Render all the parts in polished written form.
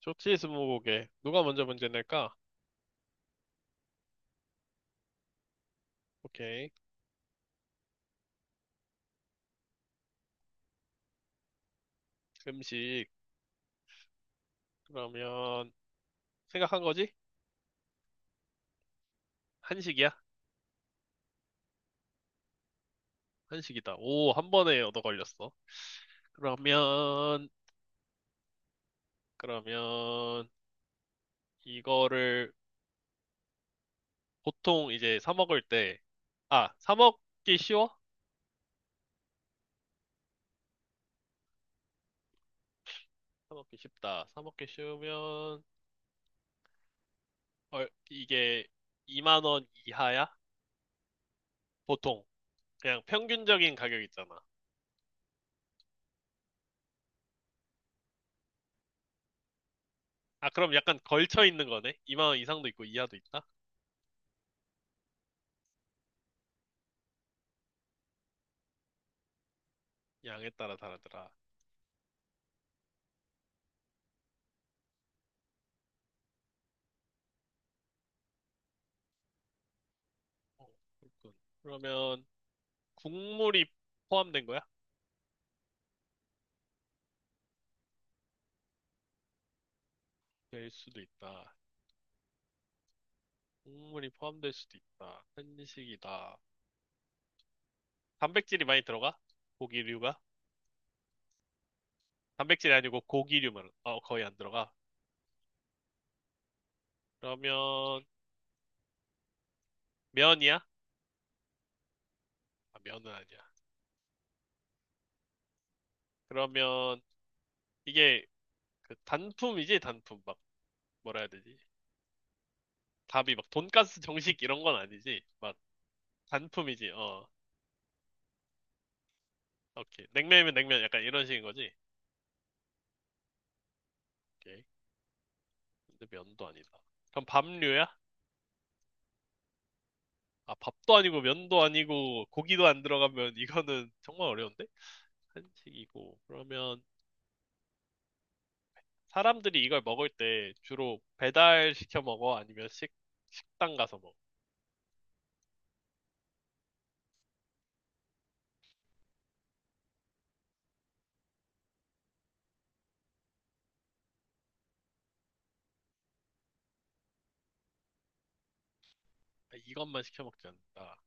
좋지, 스무고개. 누가 먼저 문제 낼까? 오케이. 음식. 그러면, 생각한 거지? 한식이야? 한식이다. 오, 한 번에 얻어 걸렸어. 그러면, 그러면, 이거를 보통 이제 사 먹을 때, 아, 사 먹기 쉬워? 사 먹기 쉽다. 사 먹기 쉬우면, 이게 2만 원 이하야? 보통. 그냥 평균적인 가격 있잖아. 아, 그럼 약간 걸쳐 있는 거네? 2만 원 이상도 있고 이하도 있다? 양에 따라 다르더라. 어, 그렇군. 그러면 국물이 포함된 거야? 될 수도 있다. 국물이 포함될 수도 있다. 한식이다. 단백질이 많이 들어가? 고기류가? 단백질이 아니고 고기류만 어, 거의 안 들어가. 그러면 면이야? 아, 면은 아니야. 그러면 이게 그 단품이지 단품 막 뭐라 해야 되지? 답이 막 돈가스 정식 이런 건 아니지. 막 단품이지. 어, 오케이. 냉면이면 냉면 약간 이런 식인 거지. 오케이. 근데 면도 아니다. 그럼 밥류야? 아, 밥도 아니고 면도 아니고 고기도 안 들어가면 이거는 정말 어려운데? 한식이고. 그러면 사람들이 이걸 먹을 때 주로 배달 시켜 먹어? 아니면 식당 가서 먹어? 아, 이것만 시켜 먹지 않는다.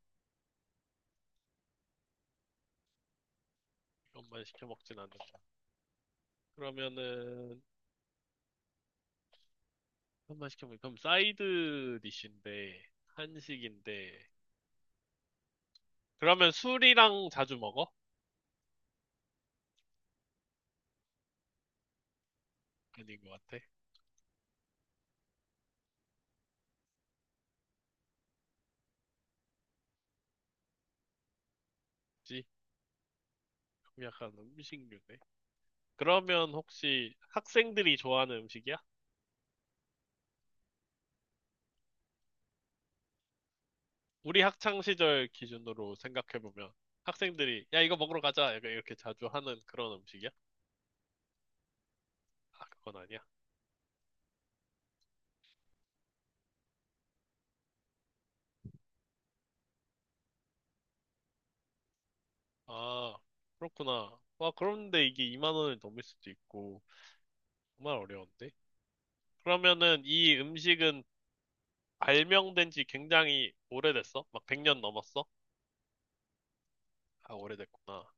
이것만 시켜 먹진 않는다. 그러면은, 그럼 사이드 디쉬인데, 한식인데, 그러면 술이랑 자주 먹어? 아닌 것 같아. 그치? 그럼 약간 음식류네. 그러면 혹시 학생들이 좋아하는 음식이야? 우리 학창 시절 기준으로 생각해 보면 학생들이 야 이거 먹으러 가자 약간 이렇게 자주 하는 그런 음식이야? 아, 그건 아니야. 아, 그렇구나. 와, 그런데 이게 2만 원을 넘을 수도 있고 정말 어려운데? 그러면은 이 음식은 발명된 지 굉장히 오래됐어? 막 100년 넘었어? 아, 오래됐구나.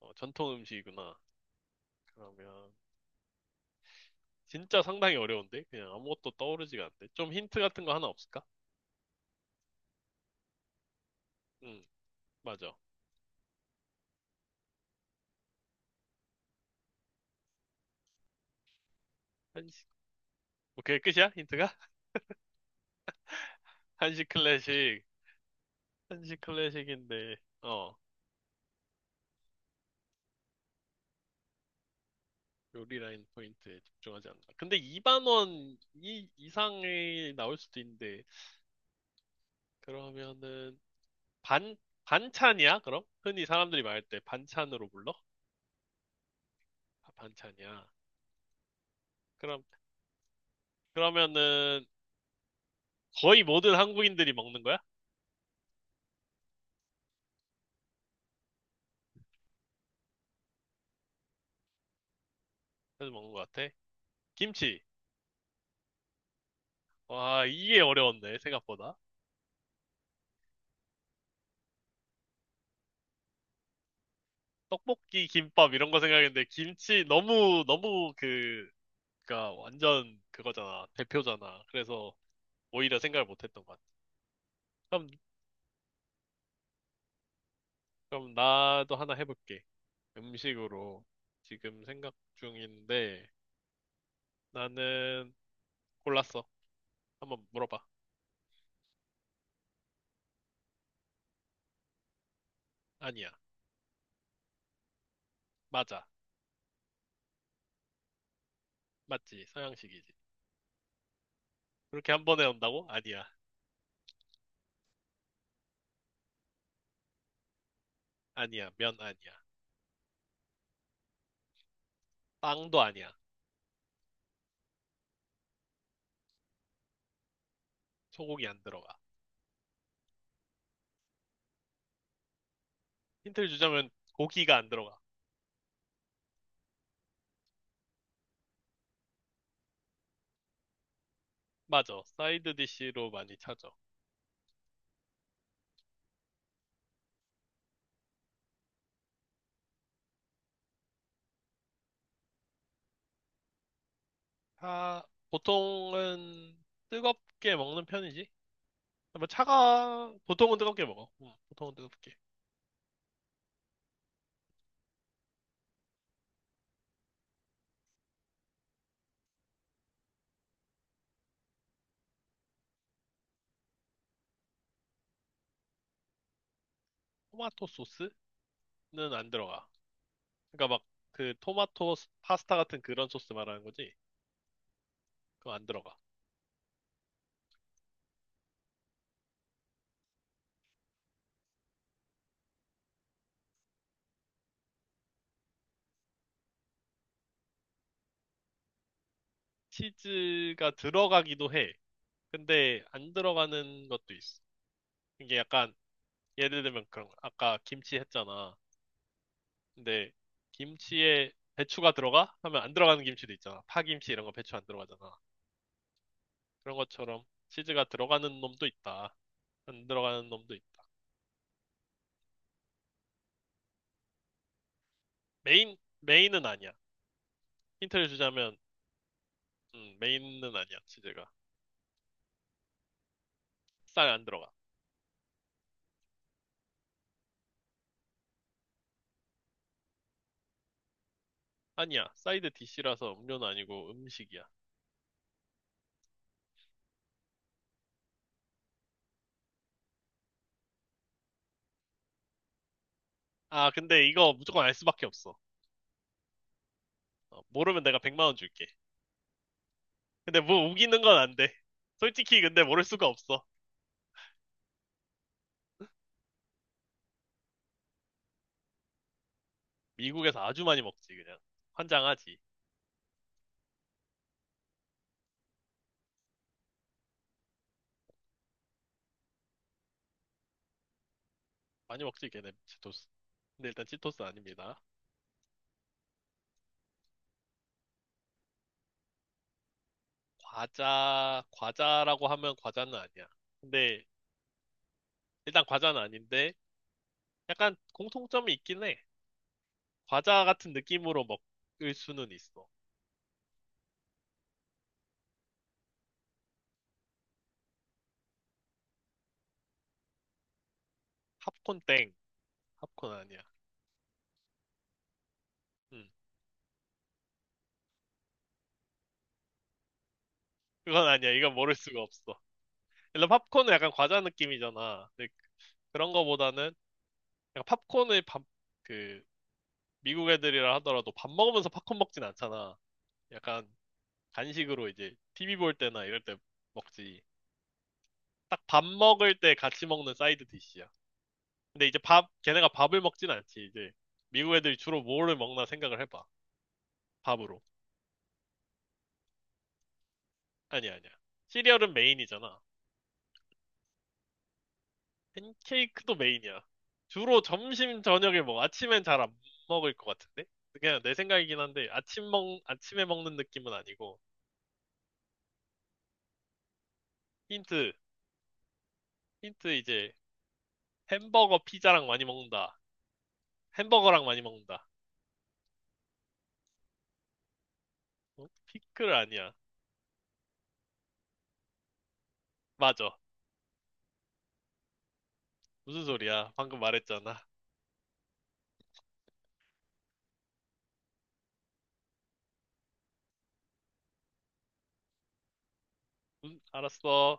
어, 전통 음식이구나. 그러면 진짜 상당히 어려운데? 그냥 아무것도 떠오르지가 않네. 좀 힌트 같은 거 하나 없을까? 응. 맞아. 한식. 오케이, 끝이야? 힌트가? 한식 클래식. 한식 클래식인데, 어, 요리 라인 포인트에 집중하지 않는다. 근데 2만 원 이상이 나올 수도 있는데, 그러면은, 반, 반찬이야? 그럼? 흔히 사람들이 말할 때 반찬으로 불러? 아, 반찬이야. 그럼, 그러면은, 거의 모든 한국인들이 먹는 거야? 그래서 먹는 것 같아. 김치. 와, 이게 어려웠네, 생각보다. 떡볶이, 김밥, 이런 거 생각했는데, 김치 너무, 너무 그, 그니까 완전 그거잖아. 대표잖아. 그래서, 오히려 생각을 못했던 것 같아. 그럼, 그럼 나도 하나 해볼게. 음식으로 지금 생각 중인데 나는 골랐어. 한번 물어봐. 아니야. 맞아. 맞지. 서양식이지. 그렇게 한 번에 온다고? 아니야. 아니야. 면 아니야. 빵도 아니야. 소고기 안 들어가. 힌트를 주자면 고기가 안 들어가. 맞아. 사이드 디쉬로 많이 찾아. 차... 보통은 뜨겁게 먹는 편이지. 뭐 차가 보통은 뜨겁게 먹어. 응, 보통은 뜨겁게. 토마토 소스? 안 들어가. 그러니까 막 파스타 같은 그런 소스 말하는 거지? 그거 안 들어가. 치즈가 들어가기도 해. 근데 안 들어가는 것도 있어. 이게 약간 예를 들면 그런 거. 아까 김치 했잖아. 근데 김치에 배추가 들어가? 하면 안 들어가는 김치도 있잖아. 파김치 이런 거 배추 안 들어가잖아. 그런 것처럼 치즈가 들어가는 놈도 있다. 안 들어가는 놈도 있다. 메인, 메인은 아니야. 힌트를 주자면, 메인은 아니야, 치즈가. 싹 안 들어가. 아니야. 사이드 디시라서 음료는 아니고 음식이야. 아, 근데 이거 무조건 알 수밖에 없어. 어, 모르면 내가 100만 원 줄게. 근데 뭐 우기는 건 안 돼. 솔직히 근데 모를 수가 없어. 미국에서 아주 많이 먹지, 그냥. 환장하지. 많이 먹지, 걔네 치토스. 근데 일단 치토스 아닙니다. 과자라고 하면 과자는 아니야. 근데 일단 과자는 아닌데 약간 공통점이 있긴 해. 과자 같은 느낌으로 먹을 수는 있어. 팝콘 땡. 팝콘 아니야. 음. 그건 아니야. 이건 모를 수가 없어. 일단 팝콘은 약간 과자 느낌이잖아. 근데 그런 거보다는 약간 팝콘을 밥, 그 미국 애들이라 하더라도 밥 먹으면서 팝콘 먹진 않잖아. 약간 간식으로 이제 TV 볼 때나 이럴 때 먹지. 딱 밥 먹을 때 같이 먹는 사이드 디시야. 근데 이제 밥, 걔네가 밥을 먹진 않지. 이제 미국 애들이 주로 뭐를 먹나 생각을 해봐. 밥으로. 아니야, 아니야. 시리얼은 메인이잖아. 팬케이크도 메인이야. 주로 점심, 저녁에 먹어. 아침엔 잘 안 먹을 것 같은데? 그냥 내 생각이긴 한데, 아침에 먹는 느낌은 아니고. 힌트, 힌트 이제 햄버거, 피자랑 많이 먹는다. 햄버거랑 많이 먹는다. 어? 피클 아니야. 맞아. 무슨 소리야? 방금 말했잖아. 알았어.